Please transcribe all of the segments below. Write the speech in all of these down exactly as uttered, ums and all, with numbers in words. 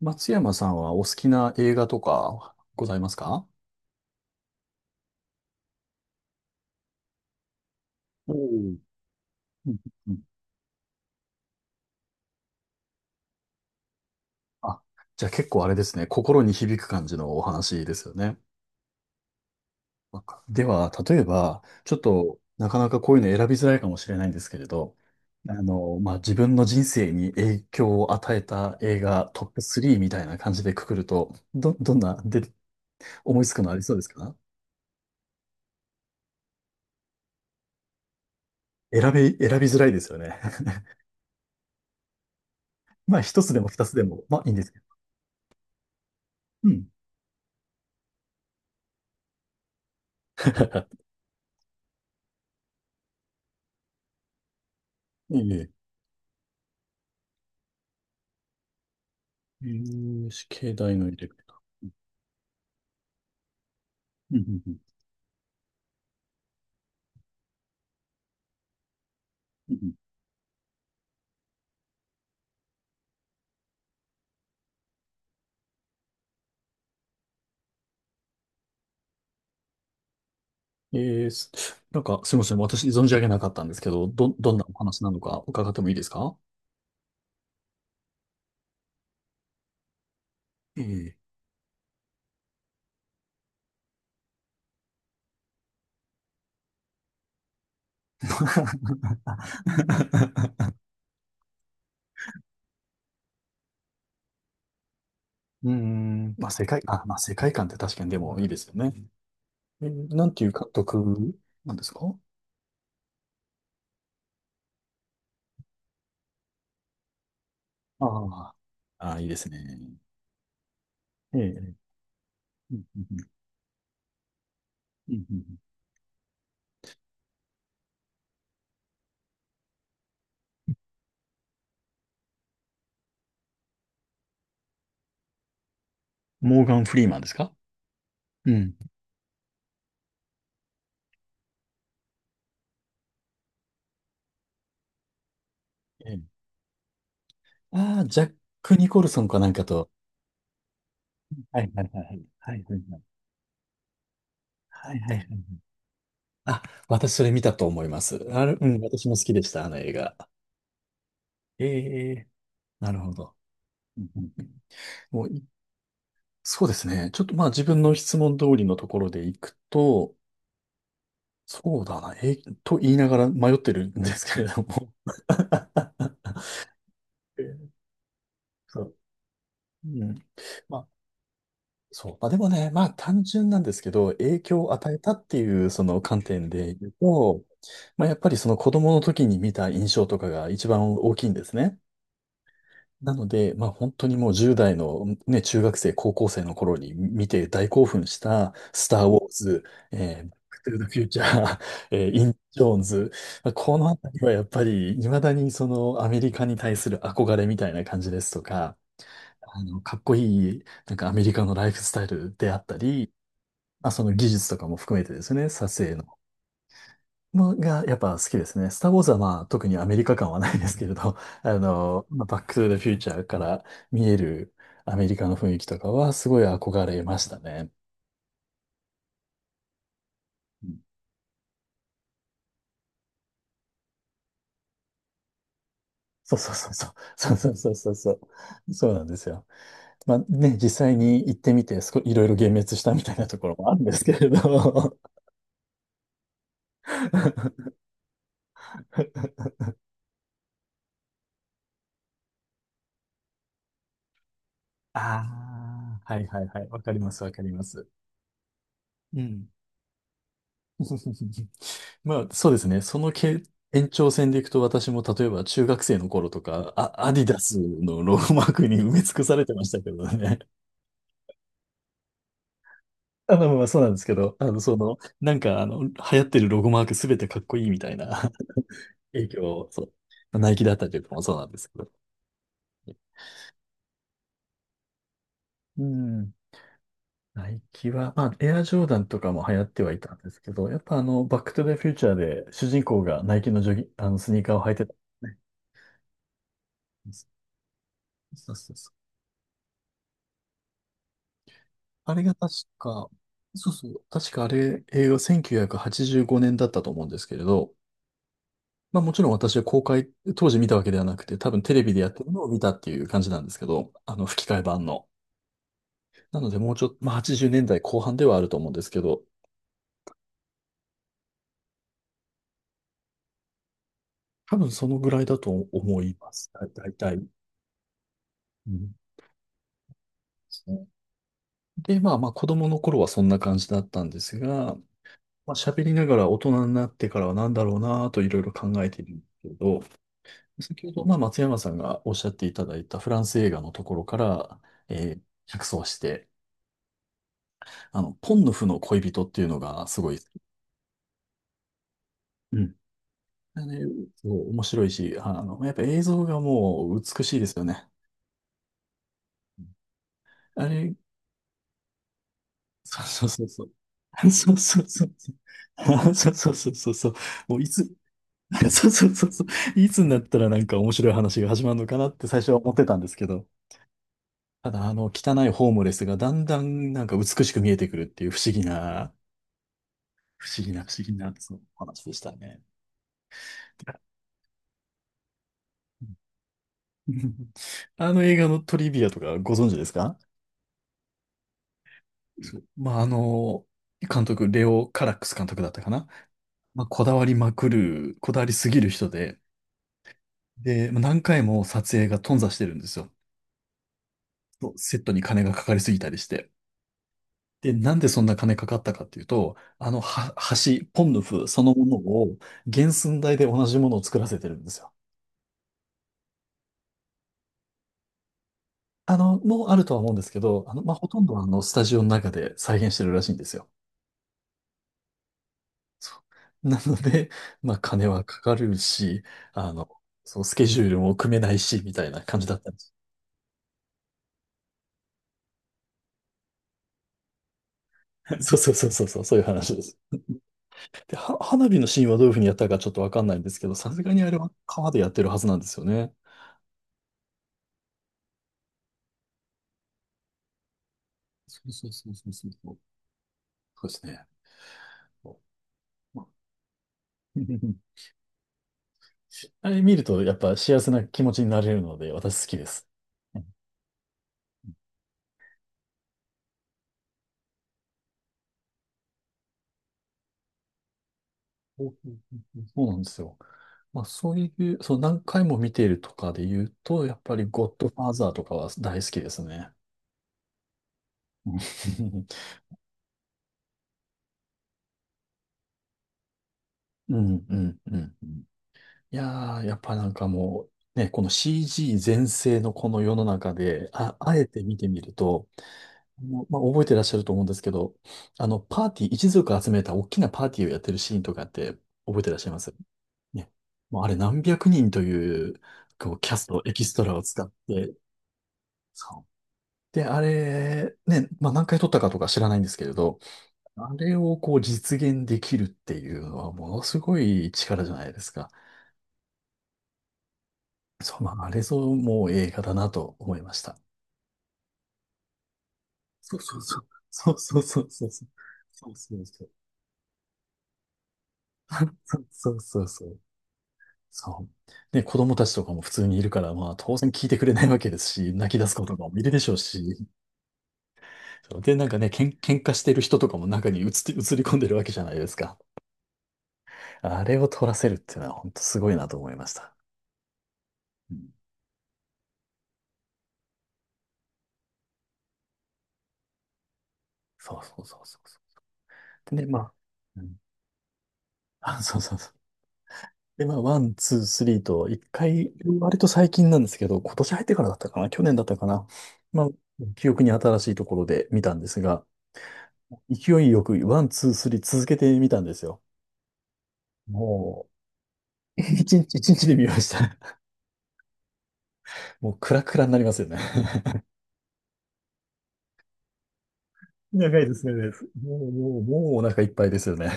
松山さんはお好きな映画とかございますか？おお、うんうん。あ、じゃあ結構あれですね、心に響く感じのお話ですよね。わかでは、例えば、ちょっとなかなかこういうの選びづらいかもしれないんですけれど、あの、まあ、自分の人生に影響を与えた映画トップスリーみたいな感じでくくると、ど、どんな、で、思いつくのありそうですか？選び、選びづらいですよね。まあ、一つでも二つでも、まあ、いいんですけど。うん。いえいえ。えー、しの入れ替え。うんうんうん。うんうん。えー、すなんか、すみません。私、存じ上げなかったんですけど、ど、どんなお話なのか伺ってもいいですか？ええ。 うーん、まあ、世界、あ、まあ、世界観って確かにでもいいですよね。えーなんていう監督なんですか？ああ、ああ、いいですね。ええ。うんうんうんうんうん。モーガン・フリーマンですか？うん。ええ。ああ、ジャック・ニコルソンかなんかと。はいはいはいはい。はいはいはい。はいはいはい。あ、私それ見たと思います。あれ、うん、私も好きでした、あの映画。ええ。なるほど。うんうんうん。もうい、そうですね。ちょっとまあ自分の質問通りのところでいくと、そうだな、え、と言いながら迷ってるんですけれども。えーそう。うん。まあ、そう。まあでもね、まあ単純なんですけど、影響を与えたっていうその観点で言うと、まあやっぱりその子供の時に見た印象とかが一番大きいんですね。なので、まあ本当にもうじゅうだい代のね、中学生、高校生の頃に見て大興奮した、スター・ウォーズ、えー、バック・トゥ・ ザ・フューチャー、えー、イン・ジョーンズ、まあこのあたりはやっぱり、未だにそのアメリカに対する憧れみたいな感じですとか、あの、かっこいい、なんかアメリカのライフスタイルであったり、まあその技術とかも含めてですね、撮影の。もがやっぱ好きですね。スター・ウォーズはまあ特にアメリカ感はないですけれど、あの、まあ、バック・トゥ・ザ・フューチャーから見えるアメリカの雰囲気とかはすごい憧れましたね。うん。そうそうそうそう。そうそうそうそうそう。そうなんですよ。まあね、実際に行ってみて、すこいろいろ幻滅したみたいなところもあるんですけれど。ああ、はいはいはい。わかりますわかります。うん。まあ、そうですね。そのけ延長線でいくと、私も例えば中学生の頃とか、あ、アディダスのロゴマークに埋め尽くされてましたけどね。あの、まあ、そうなんですけど、あの、その、なんか、あの、流行ってるロゴマークすべてかっこいいみたいな 影響を、そう、ナイキだったりとかもそうなんですけど。うん。ナイキは、まあ、エアジョーダンとかも流行ってはいたんですけど、やっぱあの、バックトゥザフューチャーで主人公がナイキのジョギ、あの、スニーカーを履いてたね。そうそうそう、あれが確か、そうそう、確かあれ、映画せんきゅうひゃくはちじゅうごねんだったと思うんですけれど、まあもちろん私は公開、当時見たわけではなくて、多分テレビでやってるのを見たっていう感じなんですけど、あの吹き替え版の。なのでもうちょっと、まあはちじゅうねんだいこうはんではあると思うんですけど、多分そのぐらいだと思います。だ、大体。うん。そうで、まあまあ子供の頃はそんな感じだったんですが、まあ喋りながら大人になってからは何だろうなぁといろいろ考えているんですけど、先ほど、まあ、松山さんがおっしゃっていただいたフランス映画のところから、えー着想して、あの、ポンヌフの恋人っていうのがすごい、うん。あれ、面白いし、あの、やっぱ映像がもう美しいですよね。あれ、そうそうそうそう。そうそうそうそう。そうそうそうそうそう。もういつ、そうそうそうそう。いつになったらなんか面白い話が始まるのかなって最初は思ってたんですけど、ただあの汚いホームレスがだんだんなんか美しく見えてくるっていう不思議な不思議な、不思議な、そのお話でしたね。あの映画のトリビアとかご存知ですか？そうまあ、あの、監督、レオ・カラックス監督だったかな。まあ、こだわりまくる、こだわりすぎる人で、で、まあ何回も撮影が頓挫してるんですよ。そうセットに金がかかりすぎたりして。で、なんでそんな金かかったかっていうと、あのは橋、ポンヌフそのものを原寸大で同じものを作らせてるんですよ。あの、もうあるとは思うんですけど、あの、まあ、ほとんどはあの、スタジオの中で再現してるらしいんですよ。そう なので、まあ、金はかかるし、あの、そう、スケジュールも組めないし、みたいな感じだったんです。そうそうそうそうそう、そういう話です。で、は、花火のシーンはどういうふうにやったかちょっとわかんないんですけど、さすがにあれは川でやってるはずなんですよね。そうそうそうそうそう。そうですね。そうまあ。 あれ見ると、やっぱ幸せな気持ちになれるので、私好きです。うん。そうそうそうそう、そうなんですよ。まあそういう、そう何回も見ているとかで言うと、やっぱりゴッドファーザーとかは大好きですね。うん、うん、うん。うん。いやー、やっぱなんかもう、ね、この シージー 全盛のこの世の中で、あ、あえて見てみると、もうまあ、覚えてらっしゃると思うんですけど、あの、パーティー、一族集めた大きなパーティーをやってるシーンとかって覚えてらっしゃいますね？もうあれ何百人という、こう、キャスト、エキストラを使って、そで、あれ、ね、まあ、何回撮ったかとか知らないんですけれど、あれをこう実現できるっていうのはものすごい力じゃないですか。そう、まあ、あれぞもう映画だなと思いました。そうそうそう。そうそうそうそうそう。そうそうそう。そうそうそう。そう。で、子供たちとかも普通にいるから、まあ当然聞いてくれないわけですし、泣き出す子とかもいるでしょうし。そうで、なんかね、けん、喧嘩してる人とかも中に映って、映り込んでるわけじゃないですか。あれを取らせるっていうのは本当すごいなと思いました。うん。そうそうそうそうそう。で、まあ、うん。あ、そうそうそう。で、まあ、ワン、ツー、スリーと、一回、割と最近なんですけど、今年入ってからだったかな、去年だったかな。まあ、記憶に新しいところで見たんですが、勢いよくワン、ツー、スリー続けてみたんですよ。もう、一日、一日で見ました。もう、クラクラになりますよね。長いですね。もう、もう、もうお腹いっぱいですよね。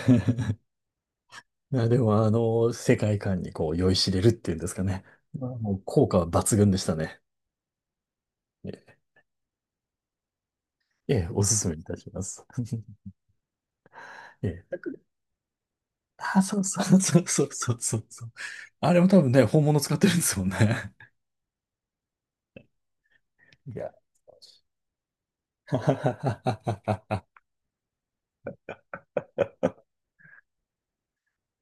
いや、でもあの、世界観にこう酔いしれるっていうんですかね。まあ もう効果は抜群でしたね。ええ、ええおすすめいたします。ええ。あ、そうそう そうそうそうそうそう。あれも多分ね、本物使ってるんですもんね。いや。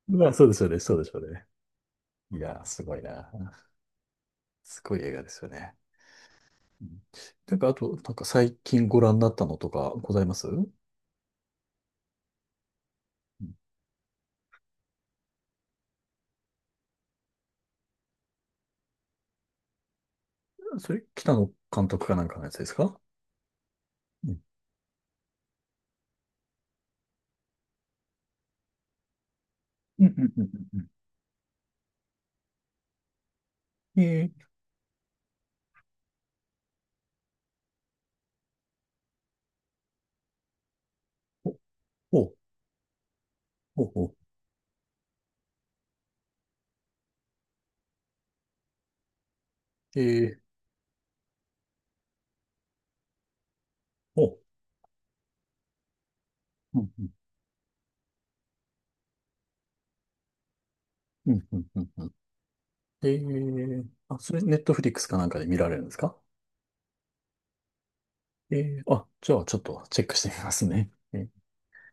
まあ、そうでしょうね、そうでしょうね。いや、すごいな。すごい映画ですよね。うん。なんか、あと、なんか最近ご覧になったのとかございますう？ん、それ、北野監督かなんかのやつですか？うんうんうんうんうんうん。えーほう、ほう、ほう。えー、ほう。うん、うん、うん、うん、うん。えー、あ、それ、ネットフリックスかなんかで見られるんですか？えー、あ、じゃあ、ちょっとチェックしてみますね。えー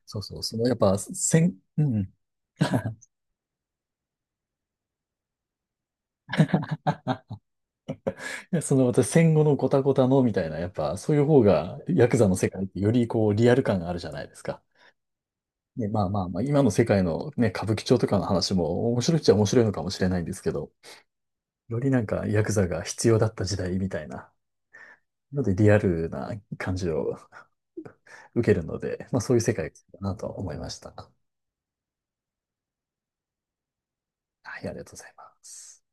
そうそう、その、やっぱ、戦、うん。いやその、私、戦後のゴタゴタの、みたいな、やっぱ、そういう方が、ヤクザの世界ってより、こう、リアル感があるじゃないですか。ね、まあまあまあ、今の世界のね、歌舞伎町とかの話も、面白いっちゃ面白いのかもしれないんですけど、よりなんか、ヤクザが必要だった時代みたいな。なので、リアルな感じを受けるので、まあ、そういう世界かなと思いました。はい、ありがとうございます。